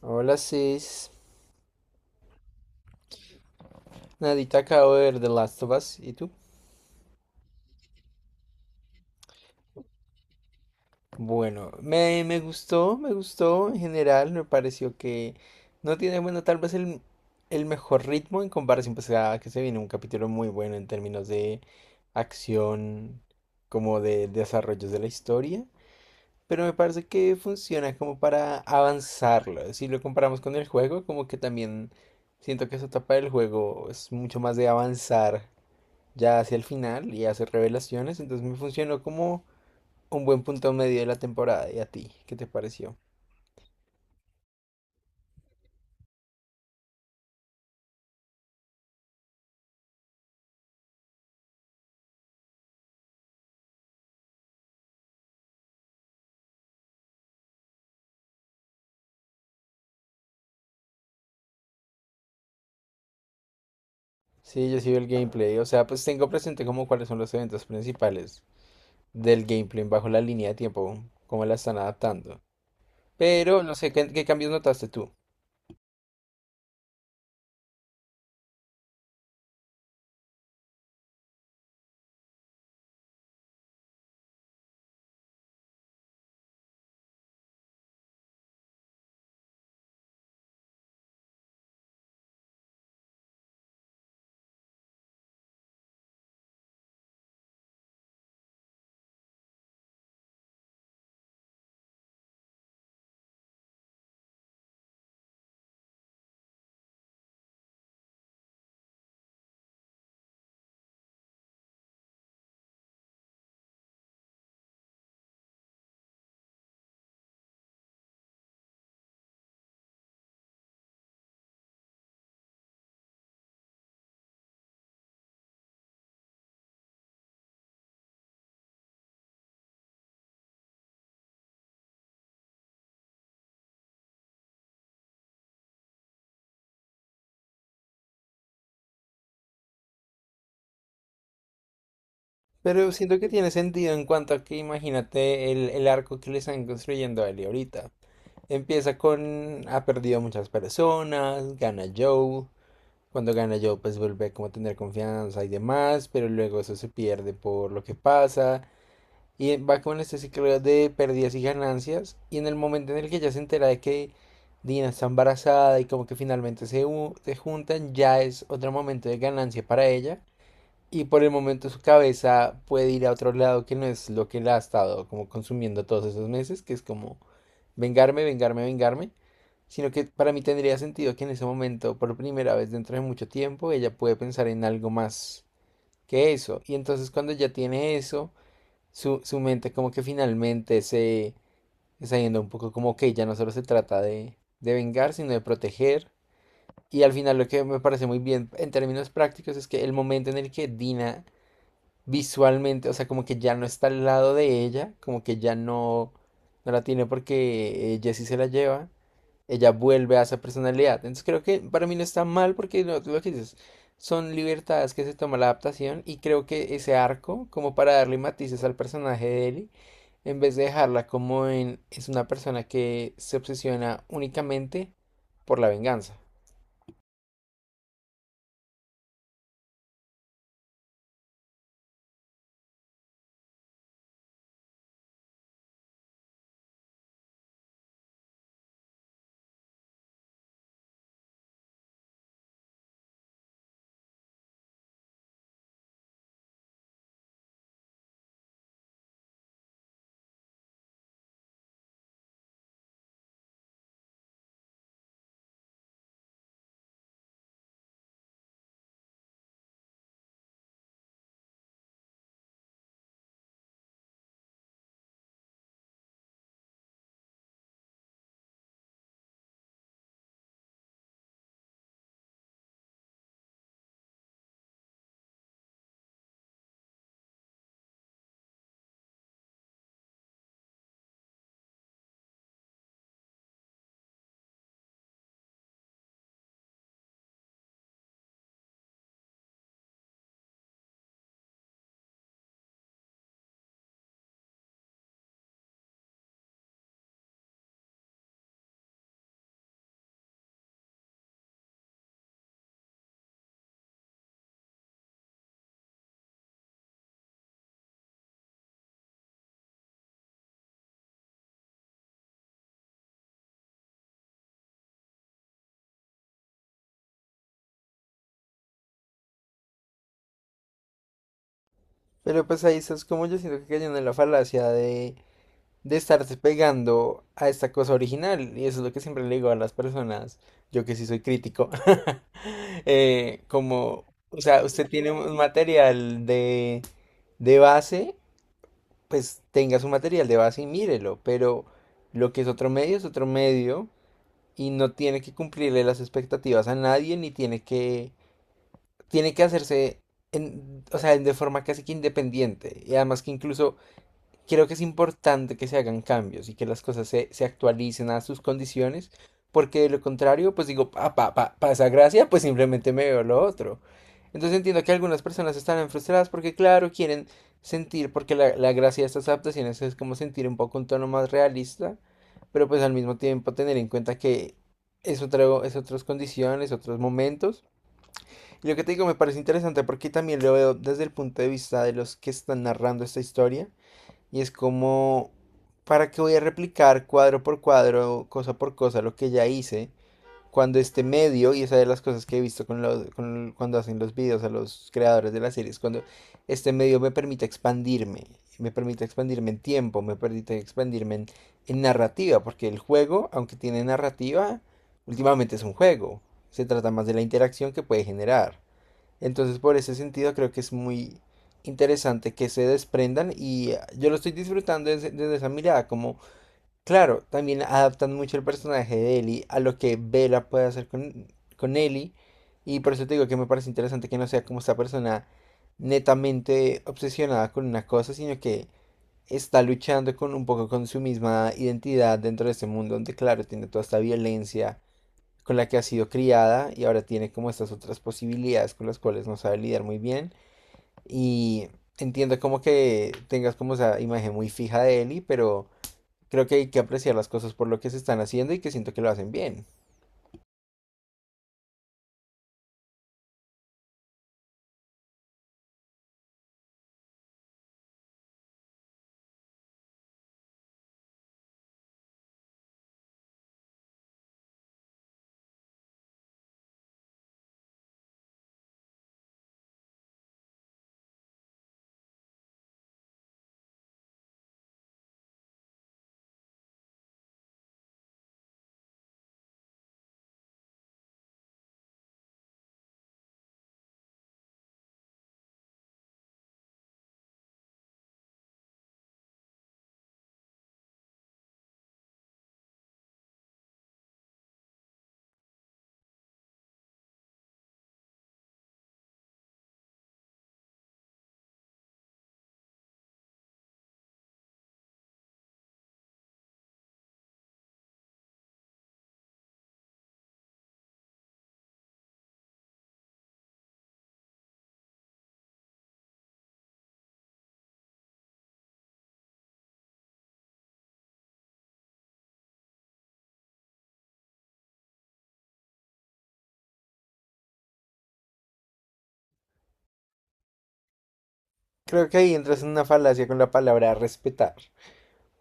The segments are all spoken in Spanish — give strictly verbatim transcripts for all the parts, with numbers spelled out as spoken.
Hola, sis, nadita, acabo de ver The Last of Us. ¿Y tú? Bueno, me, me gustó, me gustó en general. Me pareció que no tiene, bueno, tal vez el, el mejor ritmo en comparación, pues a que se viene un capítulo muy bueno en términos de acción, como de desarrollos de la historia. Pero me parece que funciona como para avanzarlo. Si lo comparamos con el juego, como que también siento que esa etapa del juego es mucho más de avanzar ya hacia el final y hace revelaciones, entonces me funcionó como un buen punto medio de la temporada. ¿Y a ti? ¿Qué te pareció? Sí, yo sigo el gameplay, o sea, pues tengo presente como cuáles son los eventos principales del gameplay bajo la línea de tiempo, cómo la están adaptando. Pero no sé, ¿qué, qué cambios notaste tú? Pero siento que tiene sentido en cuanto a que imagínate el, el arco que le están construyendo a él ahorita. Empieza con ha perdido muchas personas, gana Joel. Cuando gana Joe, pues vuelve como a tener confianza y demás, pero luego eso se pierde por lo que pasa. Y va con este ciclo de pérdidas y ganancias. Y en el momento en el que ya se entera de que Dina está embarazada y como que finalmente se, u- se juntan, ya es otro momento de ganancia para ella. Y por el momento su cabeza puede ir a otro lado que no es lo que la ha estado como consumiendo todos esos meses, que es como vengarme, vengarme, vengarme, sino que para mí tendría sentido que en ese momento, por primera vez dentro de mucho tiempo, ella puede pensar en algo más que eso. Y entonces cuando ya tiene eso, su, su mente como que finalmente se está yendo un poco, como que ya no solo se trata de, de vengar, sino de proteger. Y al final lo que me parece muy bien en términos prácticos es que el momento en el que Dina visualmente, o sea, como que ya no está al lado de ella, como que ya no, no la tiene porque eh, Jessie se la lleva, ella vuelve a esa personalidad. Entonces creo que para mí no está mal porque lo, lo que dices, son libertades que se toma la adaptación, y creo que ese arco, como para darle matices al personaje de Ellie, en vez de dejarla como en, es una persona que se obsesiona únicamente por la venganza. Pero pues ahí estás como yo siento que cayendo en la falacia de de estarse pegando a esta cosa original. Y eso es lo que siempre le digo a las personas, yo que sí soy crítico, eh, como, o sea, usted tiene un material de, de base, pues tenga su material de base y mírelo, pero lo que es otro medio es otro medio y no tiene que cumplirle las expectativas a nadie ni tiene que, tiene que hacerse... en- o sea, de forma casi que independiente. Y además que incluso creo que es importante que se hagan cambios y que las cosas se, se actualicen a sus condiciones, porque de lo contrario, pues digo, pa, pa, pa, pa esa gracia, pues simplemente me veo lo otro. Entonces entiendo que algunas personas estarán frustradas porque, claro, quieren sentir, porque la, la gracia de estas adaptaciones es como sentir un poco un tono más realista, pero pues al mismo tiempo tener en cuenta que es, otro, es otras condiciones, otros momentos. Y lo que te digo me parece interesante porque también lo veo desde el punto de vista de los que están narrando esta historia. Y es como, ¿para qué voy a replicar cuadro por cuadro, cosa por cosa, lo que ya hice? Cuando este medio, y esa es de las cosas que he visto con los- con- cuando hacen los videos a los creadores de las series, cuando este medio me permite expandirme, me permite expandirme en tiempo, me permite expandirme en, en narrativa, porque el juego, aunque tiene narrativa, últimamente es un juego, se trata más de la interacción que puede generar. Entonces, por ese sentido, creo que es muy interesante que se desprendan y eh, yo lo estoy disfrutando desde, desde esa mirada, como, claro, también adaptan mucho el personaje de Ellie a lo que Bella puede hacer con, con Ellie, y por eso te digo que me parece interesante que no sea como esta persona netamente obsesionada con una cosa, sino que está luchando con un poco con su misma identidad dentro de este mundo donde, claro, tiene toda esta violencia con la que ha sido criada y ahora tiene como estas otras posibilidades con las cuales no sabe lidiar muy bien. Y entiendo como que tengas como esa imagen muy fija de Ellie, pero creo que hay que apreciar las cosas por lo que se están haciendo y que siento que lo hacen bien. Creo que ahí entras en una falacia con la palabra respetar.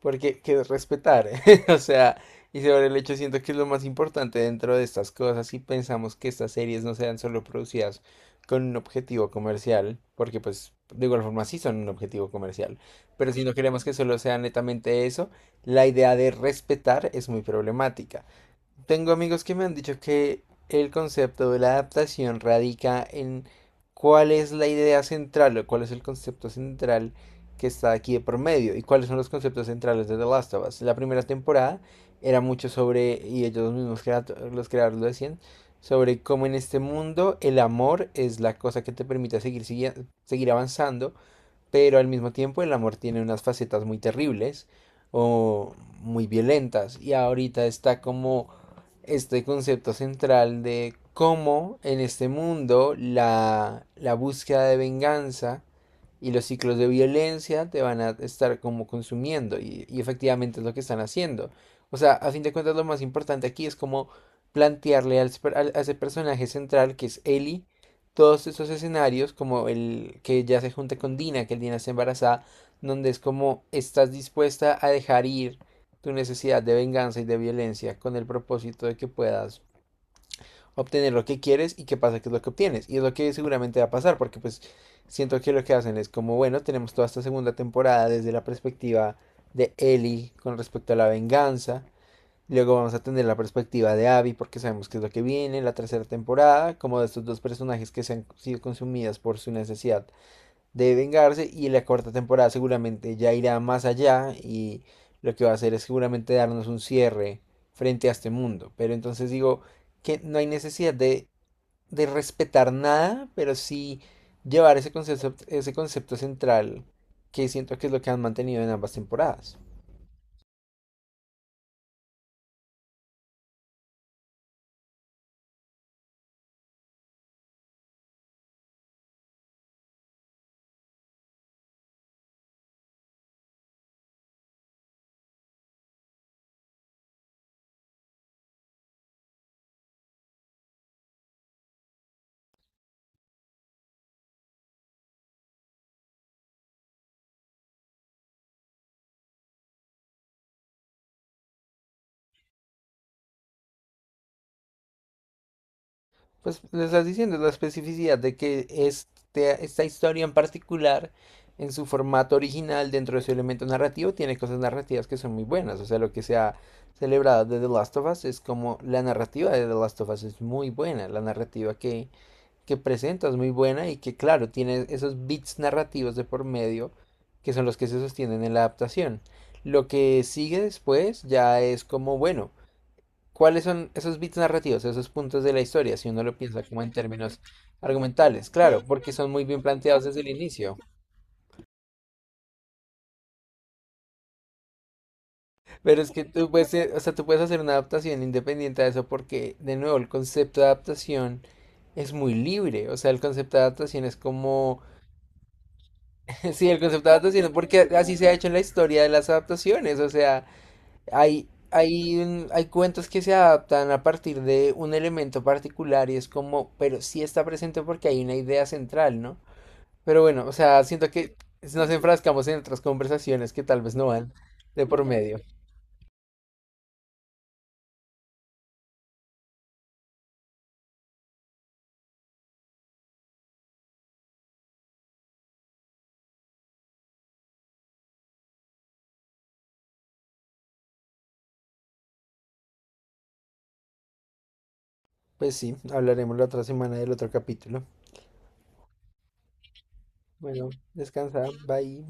Porque que es respetar, o sea, y sobre el hecho siento que es lo más importante dentro de estas cosas, y pensamos que estas series no sean solo producidas con un objetivo comercial, porque pues de igual forma sí son un objetivo comercial, pero si no queremos que solo sea netamente eso, la idea de respetar es muy problemática. Tengo amigos que me han dicho que el concepto de la adaptación radica en cuál es la idea central o cuál es el concepto central que está aquí de por medio, y cuáles son los conceptos centrales de The Last of Us. La primera temporada era mucho sobre, y ellos mismos, los creadores, lo decían, sobre cómo en este mundo el amor es la cosa que te permite seguir, seguir avanzando, pero al mismo tiempo el amor tiene unas facetas muy terribles o muy violentas, y ahorita está como este concepto central de cómo en este mundo la, la búsqueda de venganza y los ciclos de violencia te van a estar como consumiendo, y, y efectivamente es lo que están haciendo. O sea, a fin de cuentas lo más importante aquí es como plantearle al, al- a ese personaje central que es Ellie todos esos escenarios, como el que ya se junta con Dina, que el Dina está embarazada, donde es como estás dispuesta a dejar ir tu necesidad de venganza y de violencia con el propósito de que puedas obtener lo que quieres, y qué pasa que es lo que obtienes. Y es lo que seguramente va a pasar, porque pues siento que lo que hacen es como, bueno, tenemos toda esta segunda temporada desde la perspectiva de Ellie con respecto a la venganza. Luego vamos a tener la perspectiva de Abby, porque sabemos que es lo que viene, la tercera temporada, como de estos dos personajes que se han sido consumidas por su necesidad de vengarse, y la cuarta temporada seguramente ya irá más allá, y lo que va a hacer es seguramente darnos un cierre frente a este mundo. Pero entonces digo que no hay necesidad de, de respetar nada, pero sí llevar ese concepto, ese concepto central que siento que es lo que han mantenido en ambas temporadas. Pues le estás diciendo la especificidad de que este, esta historia en particular, en su formato original, dentro de su elemento narrativo, tiene cosas narrativas que son muy buenas. O sea, lo que se ha celebrado de The Last of Us es como la narrativa de The Last of Us es muy buena. La narrativa que, que presenta es muy buena, y que, claro, tiene esos bits narrativos de por medio que son los que se sostienen en la adaptación. Lo que sigue después ya es como, bueno. ¿Cuáles son esos bits narrativos, esos puntos de la historia, si uno lo piensa como en términos argumentales? Claro, porque son muy bien planteados desde el inicio. Pero es que tú puedes, eh, o sea, tú puedes hacer una adaptación independiente de eso porque, de nuevo, el concepto de adaptación es muy libre. O sea, el concepto de adaptación es como... Sí, el concepto de adaptación es porque así se ha hecho en la historia de las adaptaciones. O sea, hay... hay, un- hay cuentos que se adaptan a partir de un elemento particular y es como, pero sí está presente porque hay una idea central, ¿no? Pero bueno, o sea, siento que nos enfrascamos en otras conversaciones que tal vez no van de por medio. Pues sí, hablaremos la otra semana del otro capítulo. Bueno, descansa, bye.